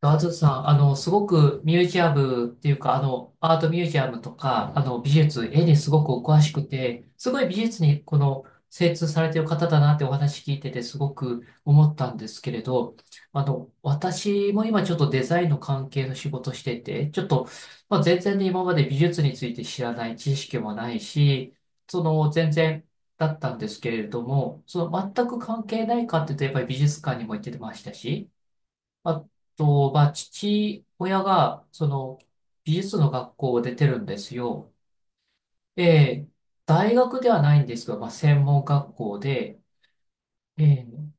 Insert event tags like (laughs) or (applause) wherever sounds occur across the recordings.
ガーズさん、すごくミュージアムっていうか、アートミュージアムとか、美術、絵にすごくお詳しくて、すごい美術にこの精通されている方だなってお話聞いててすごく思ったんですけれど、私も今ちょっとデザインの関係の仕事してて、ちょっと、まあ、全然ね、今まで美術について知らない知識もないし、その、全然、だったんですけれども、その全く関係ないかって言うと、やっぱり美術館にも行ってましたし、あと、まあ、父親が、その、美術の学校を出てるんですよ。えー大学ではないんですが、まあ、専門学校で、えー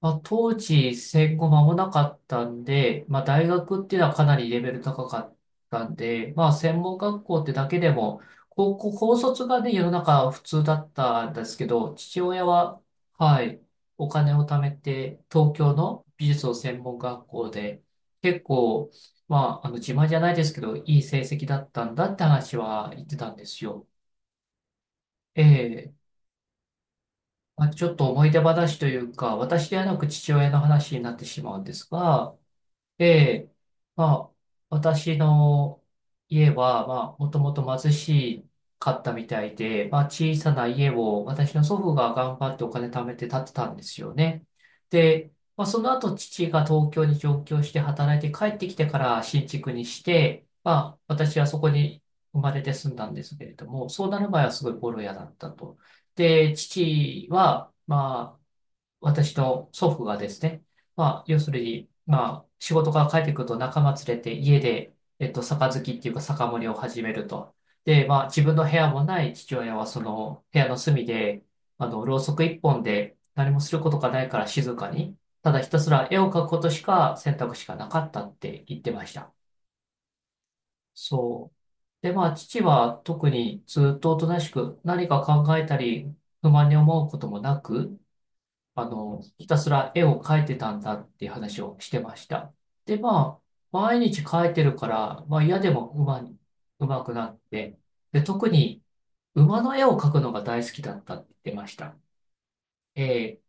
まあ、当時戦後間もなかったんで、まあ、大学っていうのはかなりレベル高かったんで、まあ、専門学校ってだけでも、高校、高卒がね、世の中普通だったんですけど、父親は、はい、お金を貯めて、東京の美術の専門学校で、結構、まあ、自慢じゃないですけど、いい成績だったんだって話は言ってたんですよ。ええ、まあ、ちょっと思い出話というか、私ではなく父親の話になってしまうんですが、で、まあ、私の家は、まあ、もともと貧しかったみたいで、まあ、小さな家を私の祖父が頑張ってお金貯めて建てたんですよね。で、まあ、その後父が東京に上京して働いて帰ってきてから新築にして、まあ、私はそこに生まれて住んだんですけれども、そうなる前はすごいボロ屋だったと。で、父は、まあ、私の祖父がですね、まあ、要するに、まあ、仕事から帰ってくると仲間連れて家で、杯っていうか酒盛りを始めると。で、まあ、自分の部屋もない父親はその部屋の隅で、ろうそく一本で何もすることがないから静かに、ただひたすら絵を描くことしか選択肢がなかったって言ってました。そう。で、まあ、父は特にずっとおとなしく何か考えたり、不満に思うこともなく、ひたすら絵を描いてたんだっていう話をしてました。で、まあ、毎日描いてるから、まあ嫌でもうまに、うまくなって、で、特に馬の絵を描くのが大好きだったって言ってました。え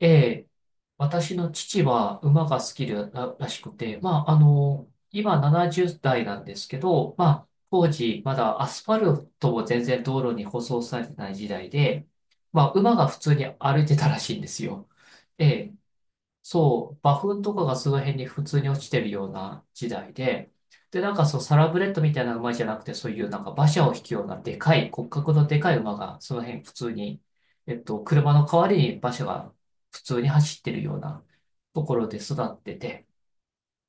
ー、えー私の父は馬が好きら、らしくて、まあ、今70代なんですけど、まあ、当時まだアスファルトも全然道路に舗装されてない時代で、まあ、馬が普通に歩いてたらしいんですよ。ええ、そう、馬糞とかがその辺に普通に落ちてるような時代で、で、なんかそう、サラブレッドみたいな馬じゃなくて、そういうなんか馬車を引くようなでかい、骨格のでかい馬が、その辺普通に、車の代わりに馬車が普通に走ってるようなところで育ってて、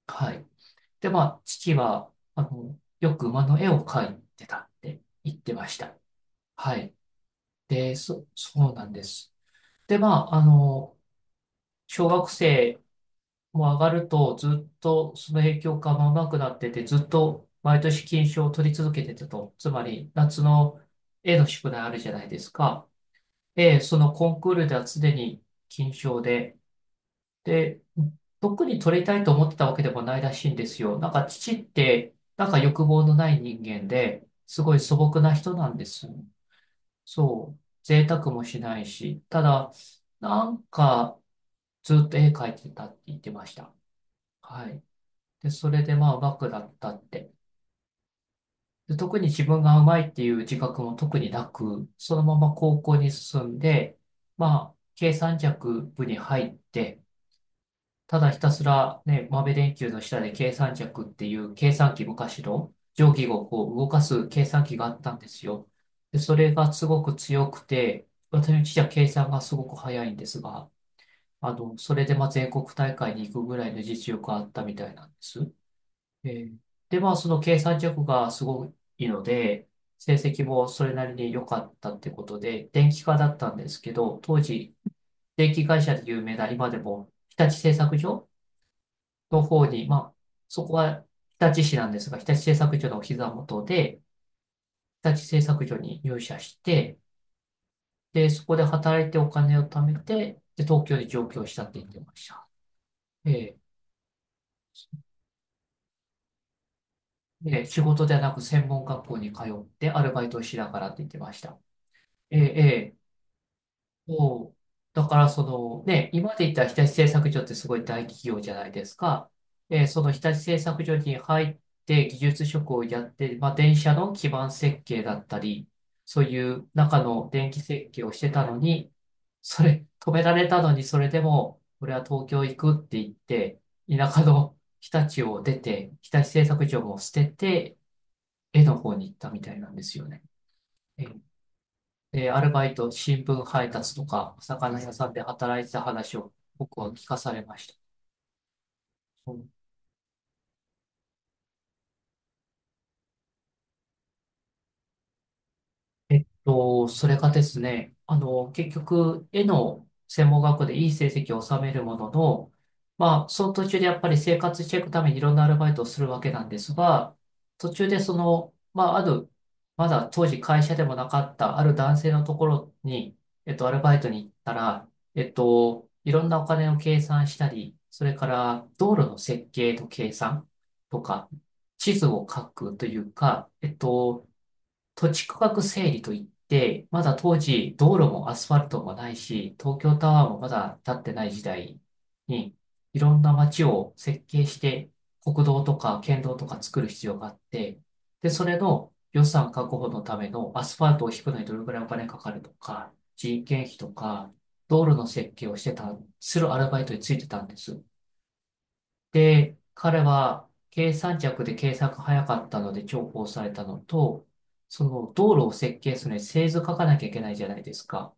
はい。で、まあ、父は、よく馬の絵を描いてたって言ってました。はい。で、そうなんです。で、まあ、小学生もう上がると、ずっとその影響がもうなくなってて、ずっと毎年金賞を取り続けてたと。つまり、夏の絵の宿題あるじゃないですか。で、そのコンクールでは常に金賞で、で、特に取りたいと思ってたわけでもないらしいんですよ。なんか父って、なんか欲望のない人間で、すごい素朴な人なんです。そう。贅沢もしないし。ただ、なんか、ずっと絵描いてたって言ってました。はい。で、それでまあうまくなったって。で、特に自分がうまいっていう自覚も特になく、そのまま高校に進んで、まあ、計算尺部に入って、ただひたすらね、豆電球の下で計算尺っていう計算機昔の定規をこう動かす計算機があったんですよ。で、それがすごく強くて、私の父は計算がすごく早いんですが、それでまあ全国大会に行くぐらいの実力があったみたいなんです。えーで、まあ、その計算力がすごいので、成績もそれなりに良かったってことで、電気科だったんですけど、当時、電気会社で有名な今でも、日立製作所の方に、まあ、そこは日立市なんですが、日立製作所のお膝元で、日立製作所に入社して、で、そこで働いてお金を貯めて、で、東京に上京したって言ってました。えーで、仕事ではなく専門学校に通ってアルバイトをしながらって言ってました。えええもう、だからそのね、今まで言った日立製作所ってすごい大企業じゃないですか。で、その日立製作所に入って技術職をやって、まあ、電車の基盤設計だったり、そういう中の電気設計をしてたのに、それ、止められたのに、それでも、俺は東京行くって言って、田舎の日立を出て、日立製作所も捨てて、絵の方に行ったみたいなんですよね。で、アルバイト、新聞配達とか、お魚屋さんで働いてた話を僕は聞かされました。それがですね、結局、絵の専門学校でいい成績を収めるものの、まあ、その途中でやっぱり生活していくためにいろんなアルバイトをするわけなんですが、途中でその、まあ、ある、まだ当時会社でもなかったある男性のところに、アルバイトに行ったら、いろんなお金を計算したり、それから道路の設計と計算とか、地図を書くというか、土地区画整理といって、まだ当時道路もアスファルトもないし、東京タワーもまだ建ってない時代に、いろんな街を設計して、国道とか県道とか作る必要があって、で、それの予算確保のためのアスファルトを引くのにどれくらいお金かかるとか、人件費とか、道路の設計をしてた、するアルバイトについてたんです。で、彼は計算尺で計算が早かったので重宝されたのと、その道路を設計するのに製図書かなきゃいけないじゃないですか。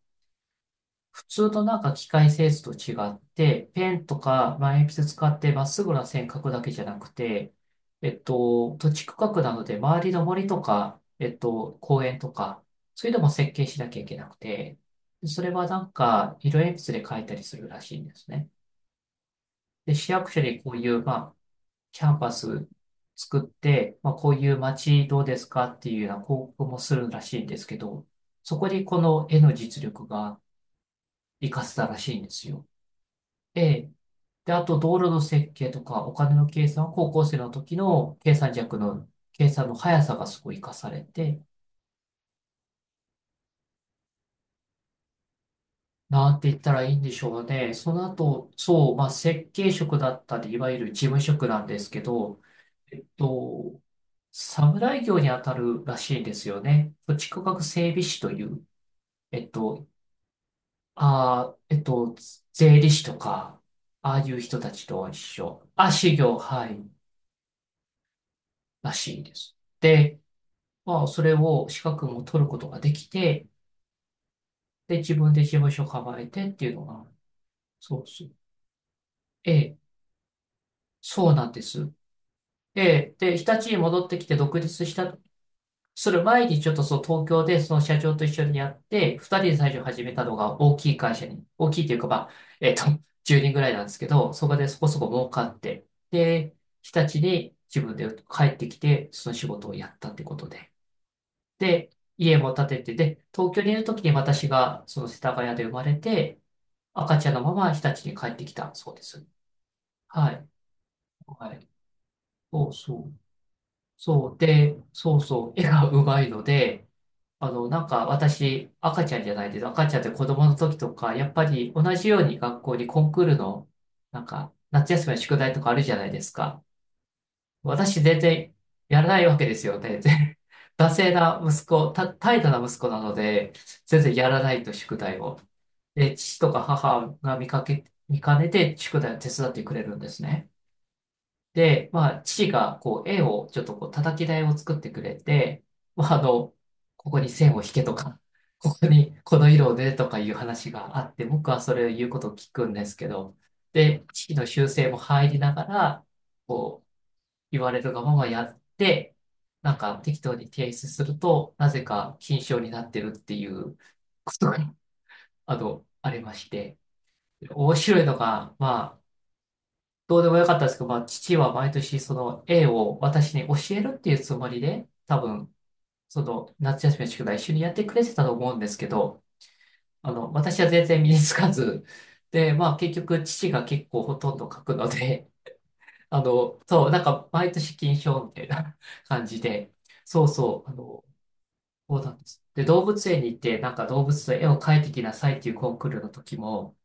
普通のなんか機械製図と違って、ペンとか、まあ、鉛筆使ってまっすぐな線描くだけじゃなくて、土地区画なので周りの森とか、公園とか、そういうのも設計しなきゃいけなくて、それはなんか色鉛筆で描いたりするらしいんですね。で、市役所にこういう、まあ、キャンパス作って、まあ、こういう街どうですかっていうような広告もするらしいんですけど、そこにこの絵の実力が活かせたらしいんですよ。で、で、あと道路の設計とかお金の計算は高校生の時の計算弱の計算の速さがすごい活かされて、なんて言ったらいいんでしょうね。その後、そう、まあ、設計職だったり、いわゆる事務職なんですけど、えっと、侍業に当たるらしいんですよね。土地区画整備士という、えっと、あー、えっと、税理士とか、ああいう人たちと一緒。あ、士業、はい、らしいです。で、まあ、それを資格も取ることができて、で、自分で事務所構えてっていうのが、そうそう。ええ、そうなんです。で、で、日立に戻ってきて独立した、する前にちょっとそう東京でその社長と一緒にやって、二人で最初始めたのが大きい会社に、大きいというかまあ、えっと、(laughs) 10人ぐらいなんですけど、そこでそこそこ儲かって、で、日立に自分で帰ってきて、その仕事をやったってことで。で、家も建てて、で、東京にいる時に私がその世田谷で生まれて、赤ちゃんのまま日立に帰ってきたそうです。はい。はい。そうそう。そう。で、そうそう。絵がうまいので、あの、なんか私、赤ちゃんじゃないです。赤ちゃんって子供の時とか、やっぱり同じように学校にコンクールの、なんか、夏休みの宿題とかあるじゃないですか。私、全然やらないわけですよね。で (laughs) 惰性な息子、た、怠惰な息子なので、全然やらないと宿題を。で、父とか母が見かけ、見かねて宿題を手伝ってくれるんですね。で、まあ、父が、こう、絵を、ちょっとこう、叩き台を作ってくれて、まあ、あの、ここに線を引けとか、(laughs) ここに、この色をね、とかいう話があって、僕はそれを言うことを聞くんですけど、で、父の修正も入りながら、こう、言われるがままやって、なんか、適当に提出すると、なぜか、金賞になってるっていうことが、あの、ありまして、面白いのが、まあ、どうでもよかったんですけど、まあ、父は毎年その絵を私に教えるっていうつもりで、多分、その夏休みの宿題一緒にやってくれてたと思うんですけど、あの、私は全然身につかず、で、まあ結局父が結構ほとんど描くので、あの、そう、なんか毎年金賞みたいな (laughs) 感じで、そうそう、あの、そうなんです。で、動物園に行って、なんか動物の絵を描いてきなさいっていうコンクールの時も、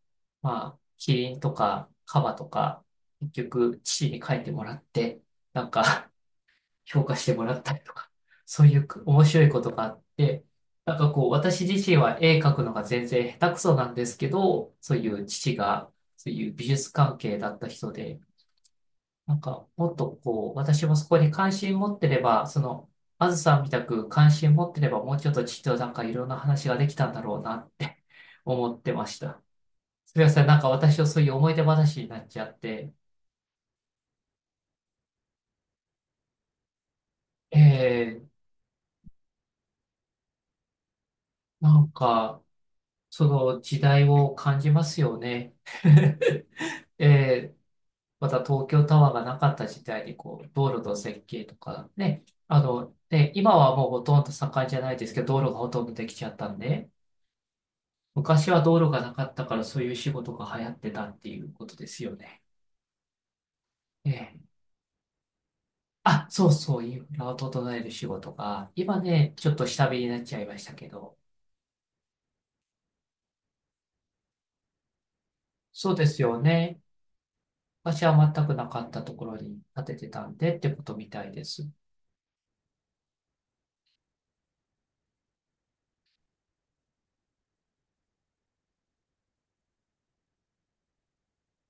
まあ、キリンとかカバとか、結局、父に書いてもらって、なんか (laughs) 評価してもらったりとか、そういう面白いことがあって、なんかこう、私自身は絵描くのが全然下手くそなんですけど、そういう父が、そういう美術関係だった人で、なんかもっとこう、私もそこに関心持ってれば、その、あずさんみたく関心持ってれば、もうちょっと父となんかいろんな話ができたんだろうなって思ってました。すみません。なんか私はそういう思い出話になっちゃって、ええ、なんか、その時代を感じますよね。(laughs) ええ、また東京タワーがなかった時代に、こう、道路の設計とか、ね、あの、ね、今はもうほとんど盛んじゃないですけど、道路がほとんどできちゃったんで、昔は道路がなかったからそういう仕事が流行ってたっていうことですよね。ええ、あ、そうそう、インフラを整える仕事が、今ね、ちょっと下火になっちゃいましたけど、そうですよね。私は全くなかったところに建ててたんでってことみたいです。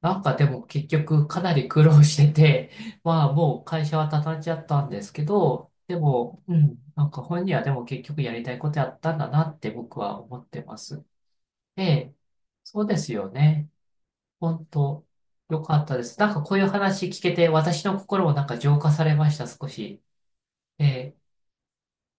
なんかでも結局かなり苦労してて、(laughs) まあもう会社は畳んじゃったんですけど、でも、うん、なんか本人はでも結局やりたいことやったんだなって僕は思ってます。ええ、そうですよね。本当よかったです。なんかこういう話聞けて私の心もなんか浄化されました、少し。ええ、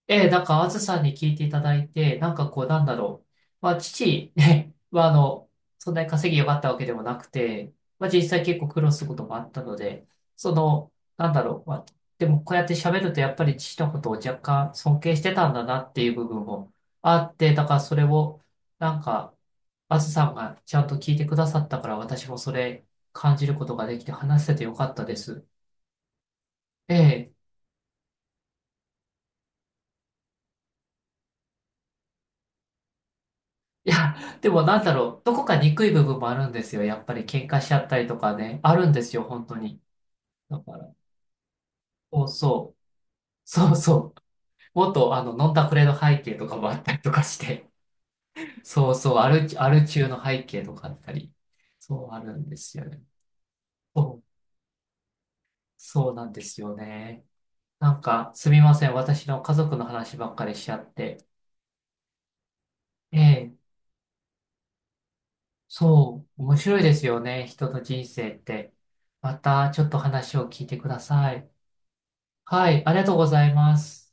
ええ、なんか、あずさんに聞いていただいて、なんかこう、なんだろう。まあ、父、ね、は、あの、そんなに稼ぎ良かったわけでもなくて、まあ、実際結構苦労することもあったので、その、なんだろう。まあ、でも、こうやって喋ると、やっぱり父のことを若干尊敬してたんだなっていう部分もあって、だからそれを、なんか、あずさんがちゃんと聞いてくださったから、私もそれ感じることができて話せてよかったです。ええ、いや、でもなんだろう、どこか憎い部分もあるんですよ。やっぱり喧嘩しちゃったりとかね、あるんですよ、本当に。だから、そうそう、そうそう、もっとあの、飲んだくれの背景とかもあったりとかして、そうそう、アル中の背景とかあったり、そうあるんですよね。そう、そうなんですよね。なんか、すみません、私の家族の話ばっかりしちゃって。ええ、そう、面白いですよね、人の人生って。また、ちょっと話を聞いてください。はい、ありがとうございます。